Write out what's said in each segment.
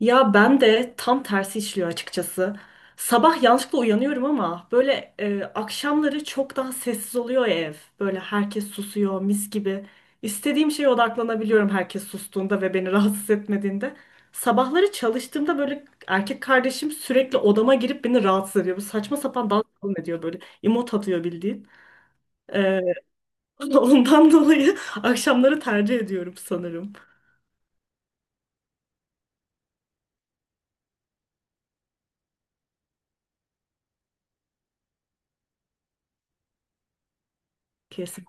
Ya ben de tam tersi işliyor açıkçası. Sabah yanlışlıkla uyanıyorum ama böyle akşamları çok daha sessiz oluyor ya ev. Böyle herkes susuyor mis gibi. İstediğim şeye odaklanabiliyorum herkes sustuğunda ve beni rahatsız etmediğinde. Sabahları çalıştığımda böyle erkek kardeşim sürekli odama girip beni rahatsız ediyor. Bu saçma sapan dans falan ediyor böyle. İmot atıyor bildiğin. E, Ondan dolayı akşamları tercih ediyorum sanırım. Kesin.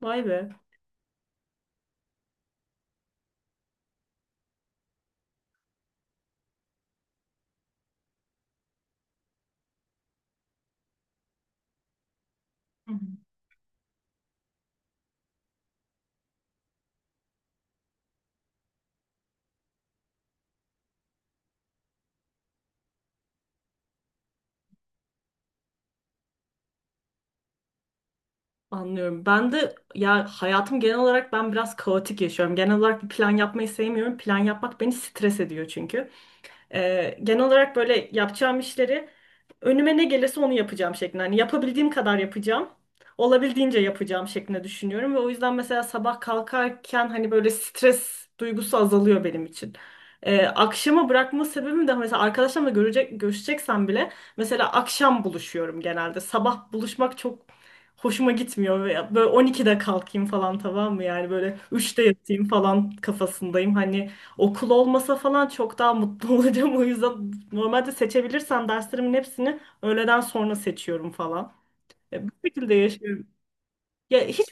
Vay be. Anlıyorum. Ben de ya hayatım genel olarak ben biraz kaotik yaşıyorum. Genel olarak bir plan yapmayı sevmiyorum. Plan yapmak beni stres ediyor çünkü. Genel olarak böyle yapacağım işleri önüme ne gelirse onu yapacağım şeklinde. Hani yapabildiğim kadar yapacağım. Olabildiğince yapacağım şeklinde düşünüyorum ve o yüzden mesela sabah kalkarken hani böyle stres duygusu azalıyor benim için. Akşama bırakma sebebim de mesela arkadaşlarımla görecek, görüşeceksem bile mesela akşam buluşuyorum genelde. Sabah buluşmak çok hoşuma gitmiyor. Ve böyle 12'de kalkayım falan, tamam mı? Yani böyle 3'te yatayım falan kafasındayım. Hani okul olmasa falan çok daha mutlu olacağım. O yüzden normalde seçebilirsem derslerimin hepsini öğleden sonra seçiyorum falan. Bu şekilde yaşıyorum. Ya hiç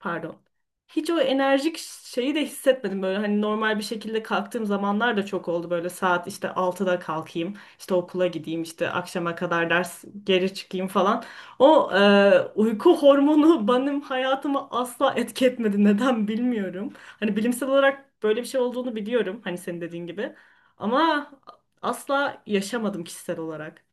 Pardon. Hiç o enerjik şeyi de hissetmedim böyle hani normal bir şekilde kalktığım zamanlar da çok oldu böyle saat işte altıda kalkayım işte okula gideyim işte akşama kadar ders geri çıkayım falan. O uyku hormonu benim hayatıma asla etki etmedi, neden bilmiyorum. Hani bilimsel olarak böyle bir şey olduğunu biliyorum hani senin dediğin gibi, ama asla yaşamadım kişisel olarak.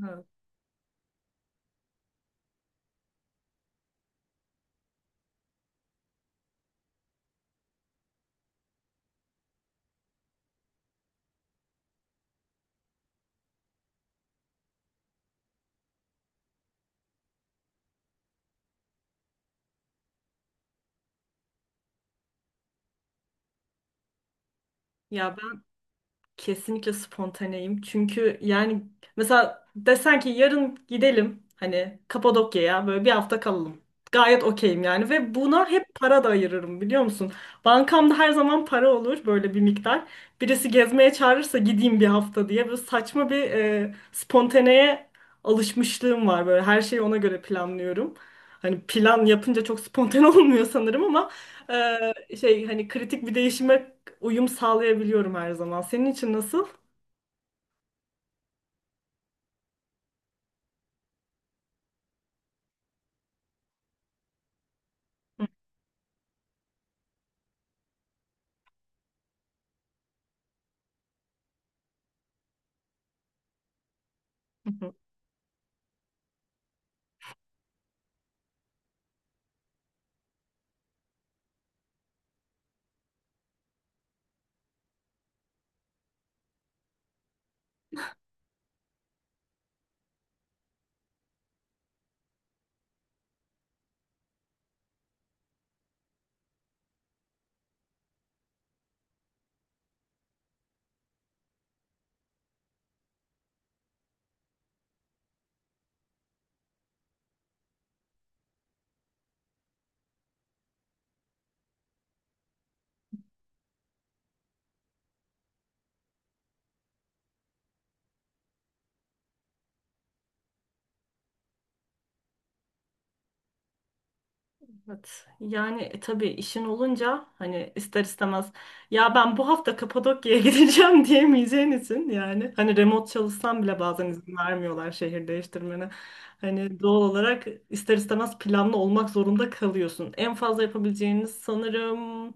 Hı. Ya kesinlikle spontaneyim. Çünkü yani mesela desen ki yarın gidelim hani Kapadokya'ya böyle bir hafta kalalım. Gayet okeyim yani ve buna hep para da ayırırım, biliyor musun? Bankamda her zaman para olur böyle bir miktar. Birisi gezmeye çağırırsa gideyim bir hafta diye böyle saçma bir spontaneye alışmışlığım var, böyle her şeyi ona göre planlıyorum. Hani plan yapınca çok spontane olmuyor sanırım ama şey hani kritik bir değişime uyum sağlayabiliyorum her zaman. Senin için nasıl? Hı hı. Evet. Yani tabii işin olunca hani ister istemez ya ben bu hafta Kapadokya'ya gideceğim diyemeyeceğin için, yani hani remote çalışsam bile bazen izin vermiyorlar şehir değiştirmene. Hani doğal olarak ister istemez planlı olmak zorunda kalıyorsun. En fazla yapabileceğiniz sanırım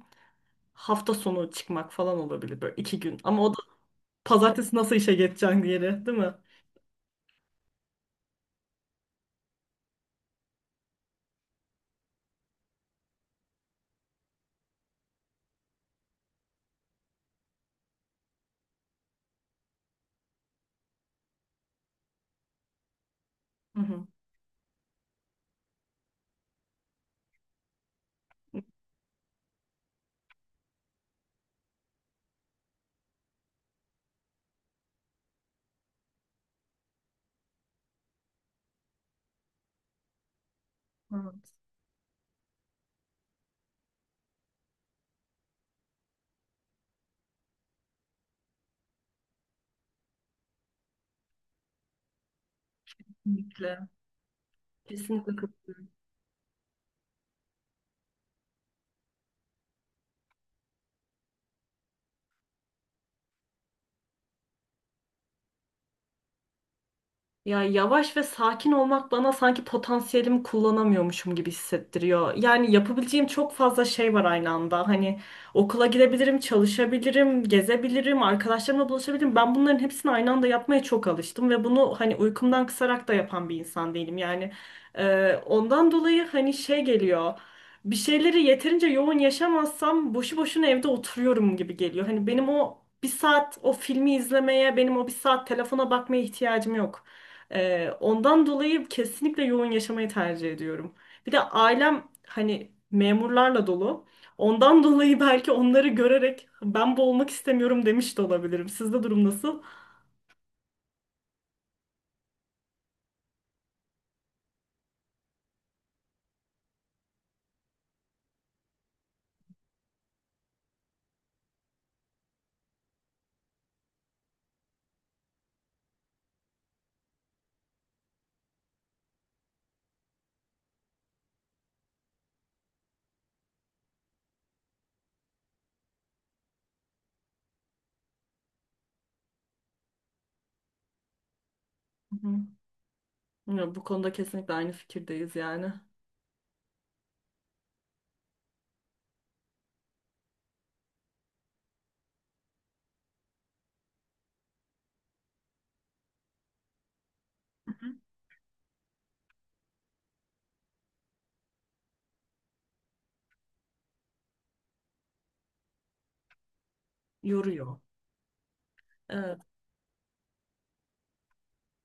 hafta sonu çıkmak falan olabilir, böyle iki gün. Ama o da pazartesi nasıl işe geçeceksin, diye değil mi? Hı hı. Evet, kesinlikle. Kesinlikle. Ya yavaş ve sakin olmak bana sanki potansiyelimi kullanamıyormuşum gibi hissettiriyor. Yani yapabileceğim çok fazla şey var aynı anda. Hani okula gidebilirim, çalışabilirim, gezebilirim, arkadaşlarımla buluşabilirim. Ben bunların hepsini aynı anda yapmaya çok alıştım ve bunu hani uykumdan kısarak da yapan bir insan değilim. Yani ondan dolayı hani şey geliyor. Bir şeyleri yeterince yoğun yaşamazsam boşu boşuna evde oturuyorum gibi geliyor. Hani benim o bir saat o filmi izlemeye, benim o bir saat telefona bakmaya ihtiyacım yok. Ondan dolayı kesinlikle yoğun yaşamayı tercih ediyorum. Bir de ailem hani memurlarla dolu. Ondan dolayı belki onları görerek ben bu olmak istemiyorum demiş de olabilirim. Sizde durum nasıl? Hı hı. Ya, bu konuda kesinlikle aynı fikirdeyiz yani. Yoruyor. Evet.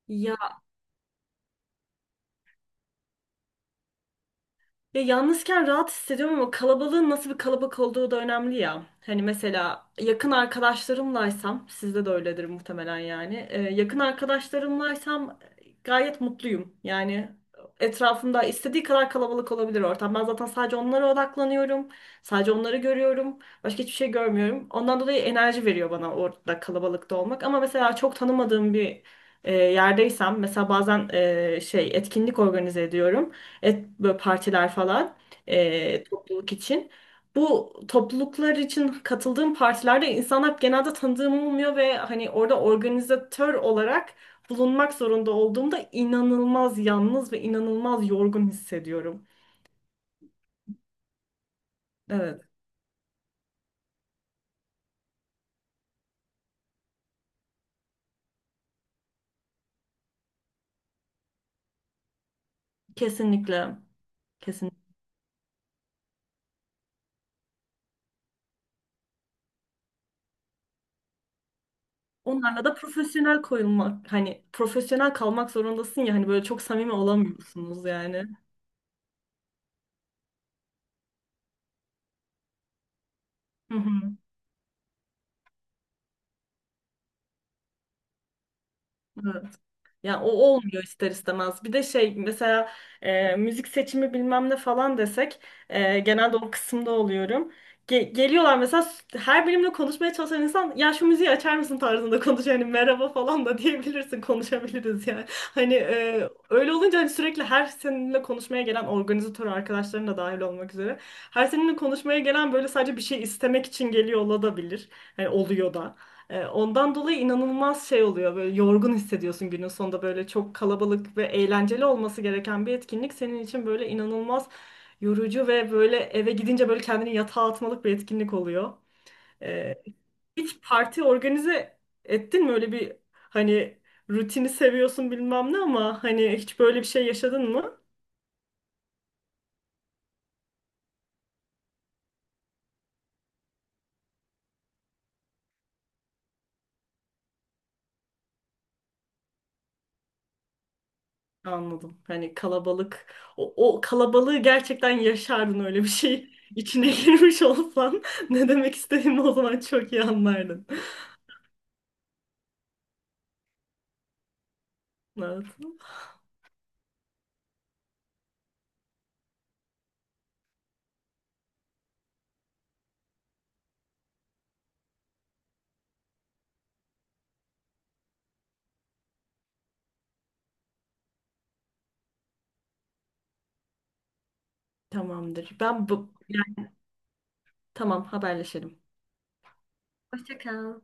Ya Ya yalnızken rahat hissediyorum ama kalabalığın nasıl bir kalabalık olduğu da önemli ya. Hani mesela yakın arkadaşlarımlaysam, sizde de öyledir muhtemelen yani. Yakın arkadaşlarımlaysam gayet mutluyum. Yani etrafımda istediği kadar kalabalık olabilir ortam. Ben zaten sadece onlara odaklanıyorum. Sadece onları görüyorum. Başka hiçbir şey görmüyorum. Ondan dolayı enerji veriyor bana orada kalabalıkta olmak. Ama mesela çok tanımadığım bir yerdeysem, mesela bazen şey etkinlik organize ediyorum, böyle partiler falan topluluk için. Bu topluluklar için katıldığım partilerde insanlar genelde tanıdığım olmuyor ve hani orada organizatör olarak bulunmak zorunda olduğumda inanılmaz yalnız ve inanılmaz yorgun hissediyorum. Evet, kesinlikle. Kesinlikle. Onlarla da profesyonel koyulmak, hani profesyonel kalmak zorundasın ya, hani böyle çok samimi olamıyorsunuz yani. Hı hı. Evet. Ya o olmuyor ister istemez. Bir de şey mesela müzik seçimi bilmem ne falan desek genelde o kısımda oluyorum. Geliyorlar mesela her benimle konuşmaya çalışan insan ya şu müziği açar mısın tarzında konuşuyor. Hani merhaba falan da diyebilirsin, konuşabiliriz yani. Hani öyle olunca hani sürekli her seninle konuşmaya gelen organizatör arkadaşların da dahil olmak üzere. Her seninle konuşmaya gelen böyle sadece bir şey istemek için geliyor olabilir. Hani oluyor da. Ondan dolayı inanılmaz şey oluyor. Böyle yorgun hissediyorsun günün sonunda, böyle çok kalabalık ve eğlenceli olması gereken bir etkinlik senin için böyle inanılmaz yorucu ve böyle eve gidince böyle kendini yatağa atmalık bir etkinlik oluyor. E, hiç parti organize ettin mi? Öyle bir hani rutini seviyorsun bilmem ne ama hani hiç böyle bir şey yaşadın mı? Anladım. Hani kalabalık, o kalabalığı gerçekten yaşardın öyle bir şey içine girmiş olsan ne demek istediğimi o zaman çok iyi anlardın. Evet. Tamamdır. Ben bu... Yani, tamam, haberleşelim. Hoşça kal.